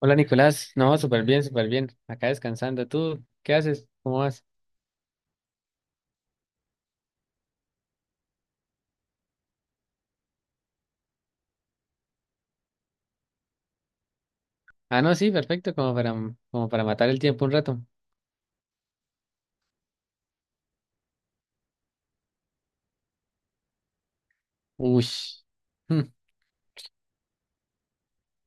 Hola Nicolás, no, súper bien, súper bien. Acá descansando. ¿Tú qué haces? ¿Cómo vas? Ah, no, sí, perfecto, como para matar el tiempo un rato. Ush, hmm,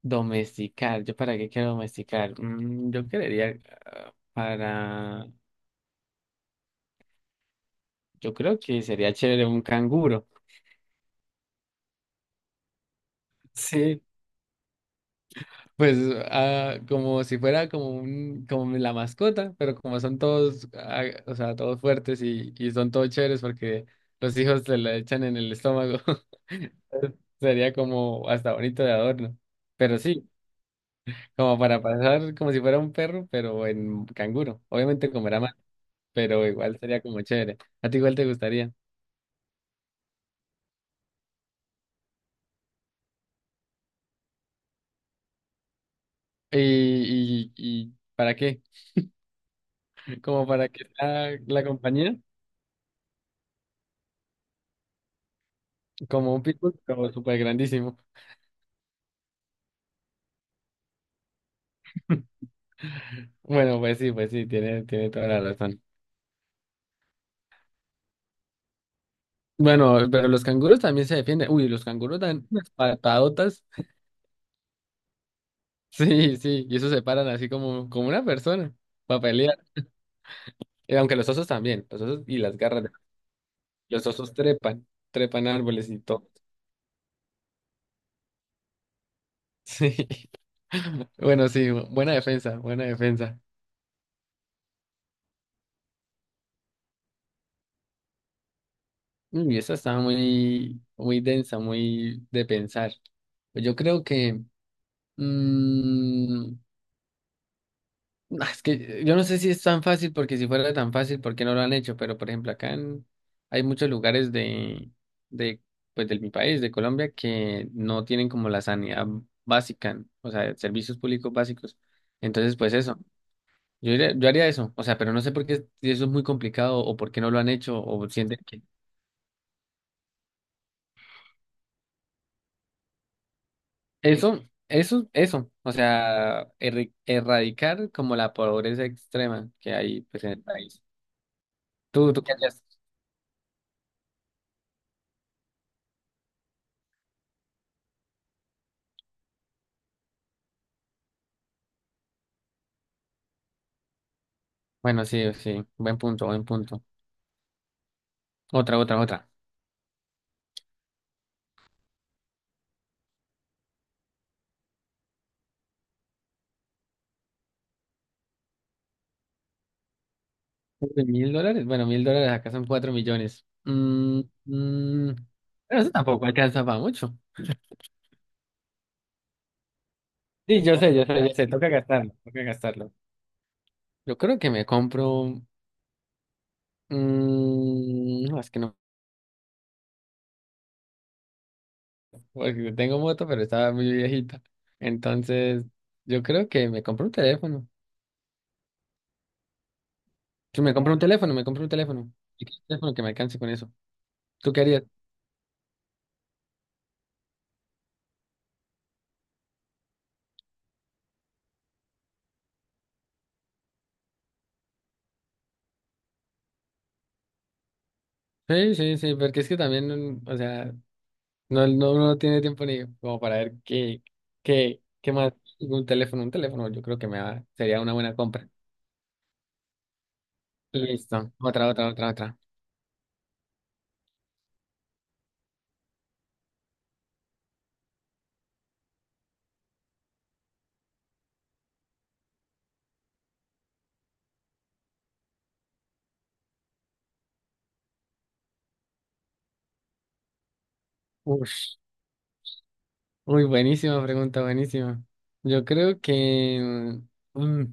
domesticar. ¿Yo para qué quiero domesticar? Yo querría ah, para. Yo creo que sería chévere un canguro. Sí, pues como si fuera como un, como la mascota, pero como son todos, o sea, todos fuertes y son todos chéveres porque los hijos se la echan en el estómago. Entonces, sería como hasta bonito de adorno. Pero sí, como para pasar como si fuera un perro, pero en canguro. Obviamente comerá más, pero igual sería como chévere. A ti igual te gustaría. ¿Y para qué? Como para que sea la compañía, como un pitbull, como súper grandísimo. Bueno, pues sí, tiene toda la razón. Bueno, pero los canguros también se defienden. Uy, los canguros dan unas patadotas. Sí, sí, y eso se paran así como una persona para pelear. Y aunque los osos también, los osos y las garras. Los osos trepan árboles y todo. Sí. Bueno, sí, buena defensa, buena defensa. Y esa estaba muy, muy densa, muy de pensar. Pues yo creo que. mm, Es que yo no sé si es tan fácil, porque si fuera tan fácil, ¿por qué no lo han hecho? Pero, por ejemplo, acá en- hay muchos lugares de, pues, de mi país, de Colombia, que no tienen como la sanidad básica, o sea, servicios públicos básicos. Entonces, pues eso, yo haría eso, o sea, pero no sé por qué si eso es muy complicado o por qué no lo han hecho o sienten que... Eso, eso, o sea, erradicar como la pobreza extrema que hay, pues, en el país. ¿Tú qué harías? Bueno, sí, sí, buen punto, buen punto. Otra, otra, otra. Uy, ¿$1.000? Bueno, $1.000 acá son 4 millones. Mm, pero eso tampoco alcanza para mucho. Sí, yo sé, yo sé, yo sé, toca gastarlo, toca gastarlo. Yo creo que me compro... no, es que no, porque tengo moto, pero estaba muy viejita. Entonces, yo creo que me compro un teléfono. Si me compro un teléfono, me compro un teléfono. Y que un teléfono que me alcance con eso. ¿Tú qué harías? Sí, sí, sí, porque es que también, o sea... No, no, no tiene tiempo ni como para ver qué más. Un teléfono, yo creo que sería una buena compra. Listo. Otra, otra, otra, otra. Ush. Uy, buenísima pregunta, buenísima. Yo creo que mm,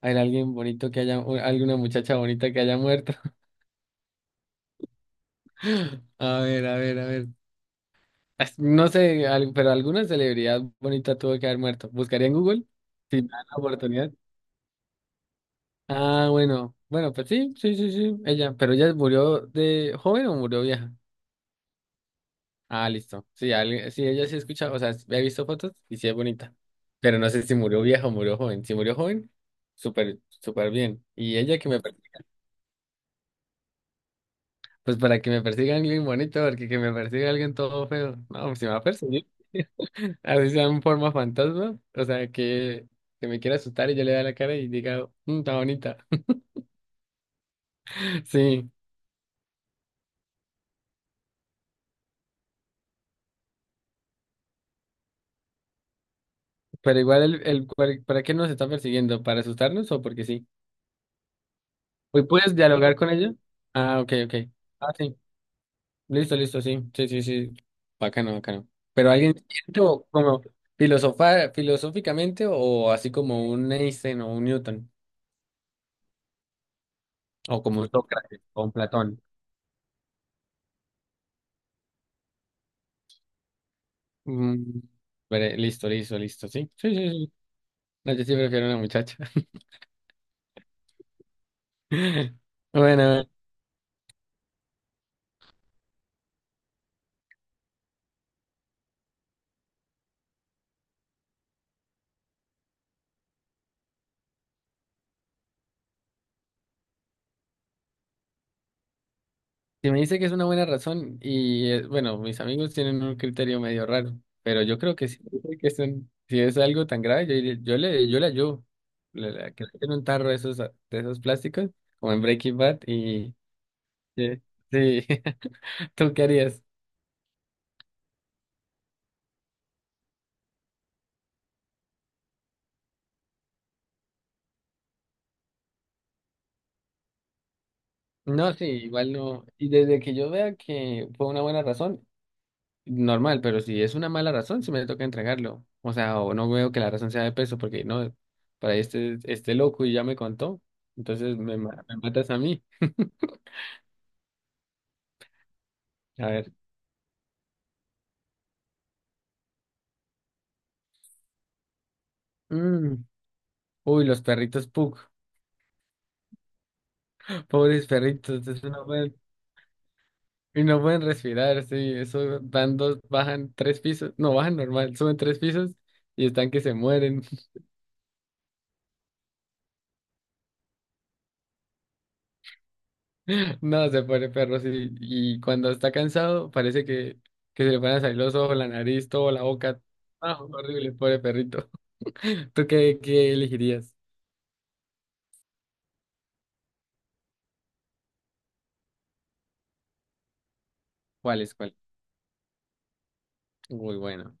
hay alguien bonito que haya, o alguna muchacha bonita que haya muerto. A ver, a ver, a ver. No sé, pero alguna celebridad bonita tuvo que haber muerto. Buscaría en Google si me dan la oportunidad. Ah, bueno, bueno, pues sí, sí, sí, sí, ella, pero ella murió de joven o murió vieja. Ah, listo. Sí, sí, ella sí escucha, o sea, he visto fotos y sí es bonita, pero no sé si murió vieja o murió joven. Si murió joven, súper, súper bien. Y ella que me, per- pues para que me persiga alguien bonito, porque que me persiga alguien todo feo, no, pues si me va a perseguir, así sea en forma fantasma, o sea, que me quiera asustar y yo le da la cara y diga, "Mm, está bonita. Sí. Pero igual, ¿para qué nos está persiguiendo? ¿Para asustarnos o porque sí? Hoy puedes dialogar con ella. Ah, ok, ok. Ah, sí. Listo, listo, sí. Sí, sí, sí. Bacano, bacano. Pero alguien siente o como filosofar, filosóficamente o así como un Einstein o un Newton o como un Sócrates o un Platón. Mm, veré, listo, listo, listo, sí. Sí, sí, sí. No, yo sí prefiero una muchacha. Bueno, si me dice que es una buena razón, y bueno, mis amigos tienen un criterio medio raro, pero yo creo que sí, yo creo que si es algo tan grave, yo le ayudo. Que le den un tarro de esos, plásticos, como en Breaking Bad, y sí, sí. ¿Tú qué harías? No, sí, igual no. Y desde que yo vea que fue una buena razón, normal, pero si es una mala razón, si me toca entregarlo. O sea, o no veo que la razón sea de peso, porque no, para este loco y ya me contó. Entonces me matas a mí. A ver. Mm. Uy, los perritos Pug. Pobres perritos, eso no pueden, y no pueden respirar, sí. Eso van dos, bajan 3 pisos. No, bajan normal, suben 3 pisos y están que se mueren. No, se muere perro y cuando está cansado parece que se le van a salir los ojos, la nariz, toda la boca. Ah, horrible, pobre perrito. ¿Tú qué elegirías? ¿Cuál es cuál? Muy bueno.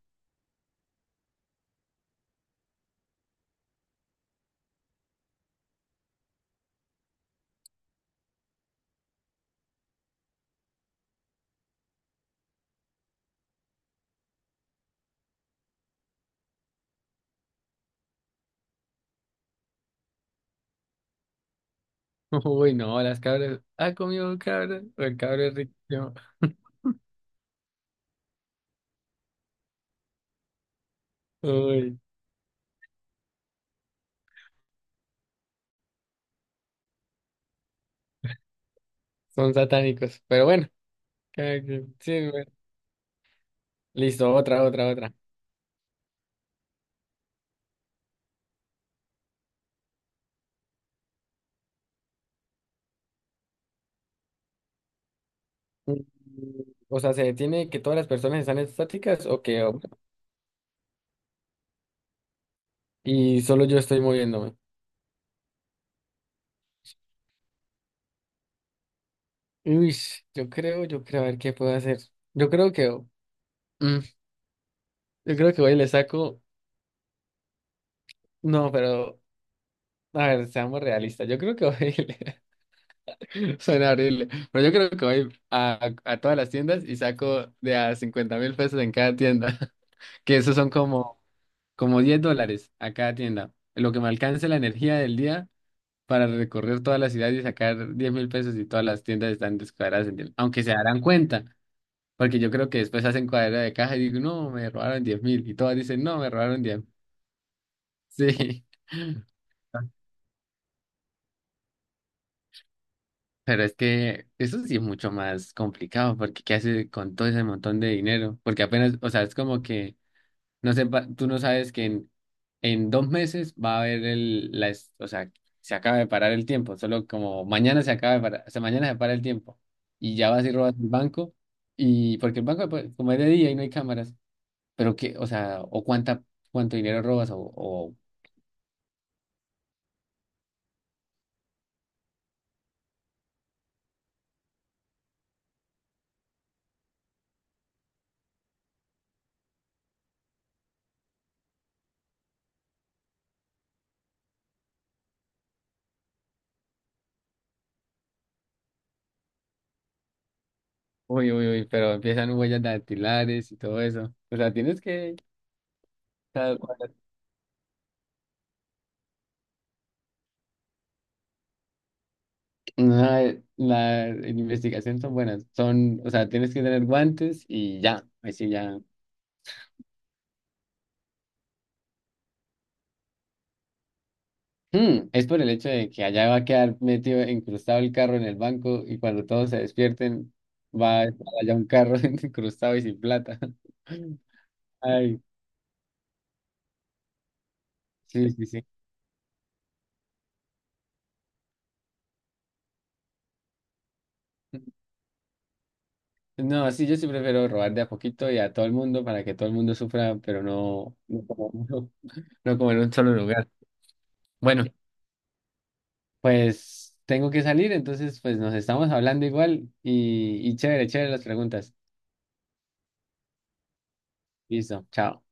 Uy, no, las cabras. ¿Ha comido cabras? O el cabra es rico. Uy, son satánicos. Pero bueno, cada quien. Sí, bueno. Listo, otra, otra, otra. Mm, O sea, ¿se detiene que todas las personas están estáticas o que y solo yo estoy moviéndome? Uy, yo creo, a ver qué puedo hacer. Yo creo que, mm, yo creo que hoy le saco. No, pero, a ver, seamos realistas. Yo creo que hoy soy en abril. Pero yo creo que voy a todas las tiendas y saco de a 50.000 pesos en cada tienda. Que esos son como $10 a cada tienda. Lo que me alcance la energía del día para recorrer toda la ciudad y sacar 10.000 pesos y todas las tiendas están descuadradas en 10. Aunque se darán cuenta. Porque yo creo que después hacen cuadra de caja y digo, no, me robaron 10.000. Y todas dicen, no, me robaron diez. Sí. Pero es que eso sí es mucho más complicado, porque ¿qué haces con todo ese montón de dinero? Porque apenas, o sea, es como que, no sé, tú no sabes que en, 2 meses va a haber o sea, se acaba de parar el tiempo, solo como mañana se acaba de parar, o sea, mañana se para el tiempo, y ya vas y robas el banco, y porque el banco, pues, como es de día y no hay cámaras, pero que, o sea, o cuánto dinero robas, uy, uy, uy, pero empiezan huellas dactilares y todo eso, o sea, tienes que... No, la en investigación son buenas. Son, o sea, tienes que tener guantes y ya. Así ya. Es por el hecho de que allá va a quedar metido, incrustado el carro en el banco y cuando todos se despierten va a estar allá un carro incrustado y sin plata. Ay, sí, sí, sí. No, sí, yo sí prefiero robar de a poquito y a todo el mundo para que todo el mundo sufra, pero no, no como, no como en un solo lugar. Bueno. Pues tengo que salir, entonces pues nos estamos hablando igual y chévere, chévere las preguntas. Listo, chao.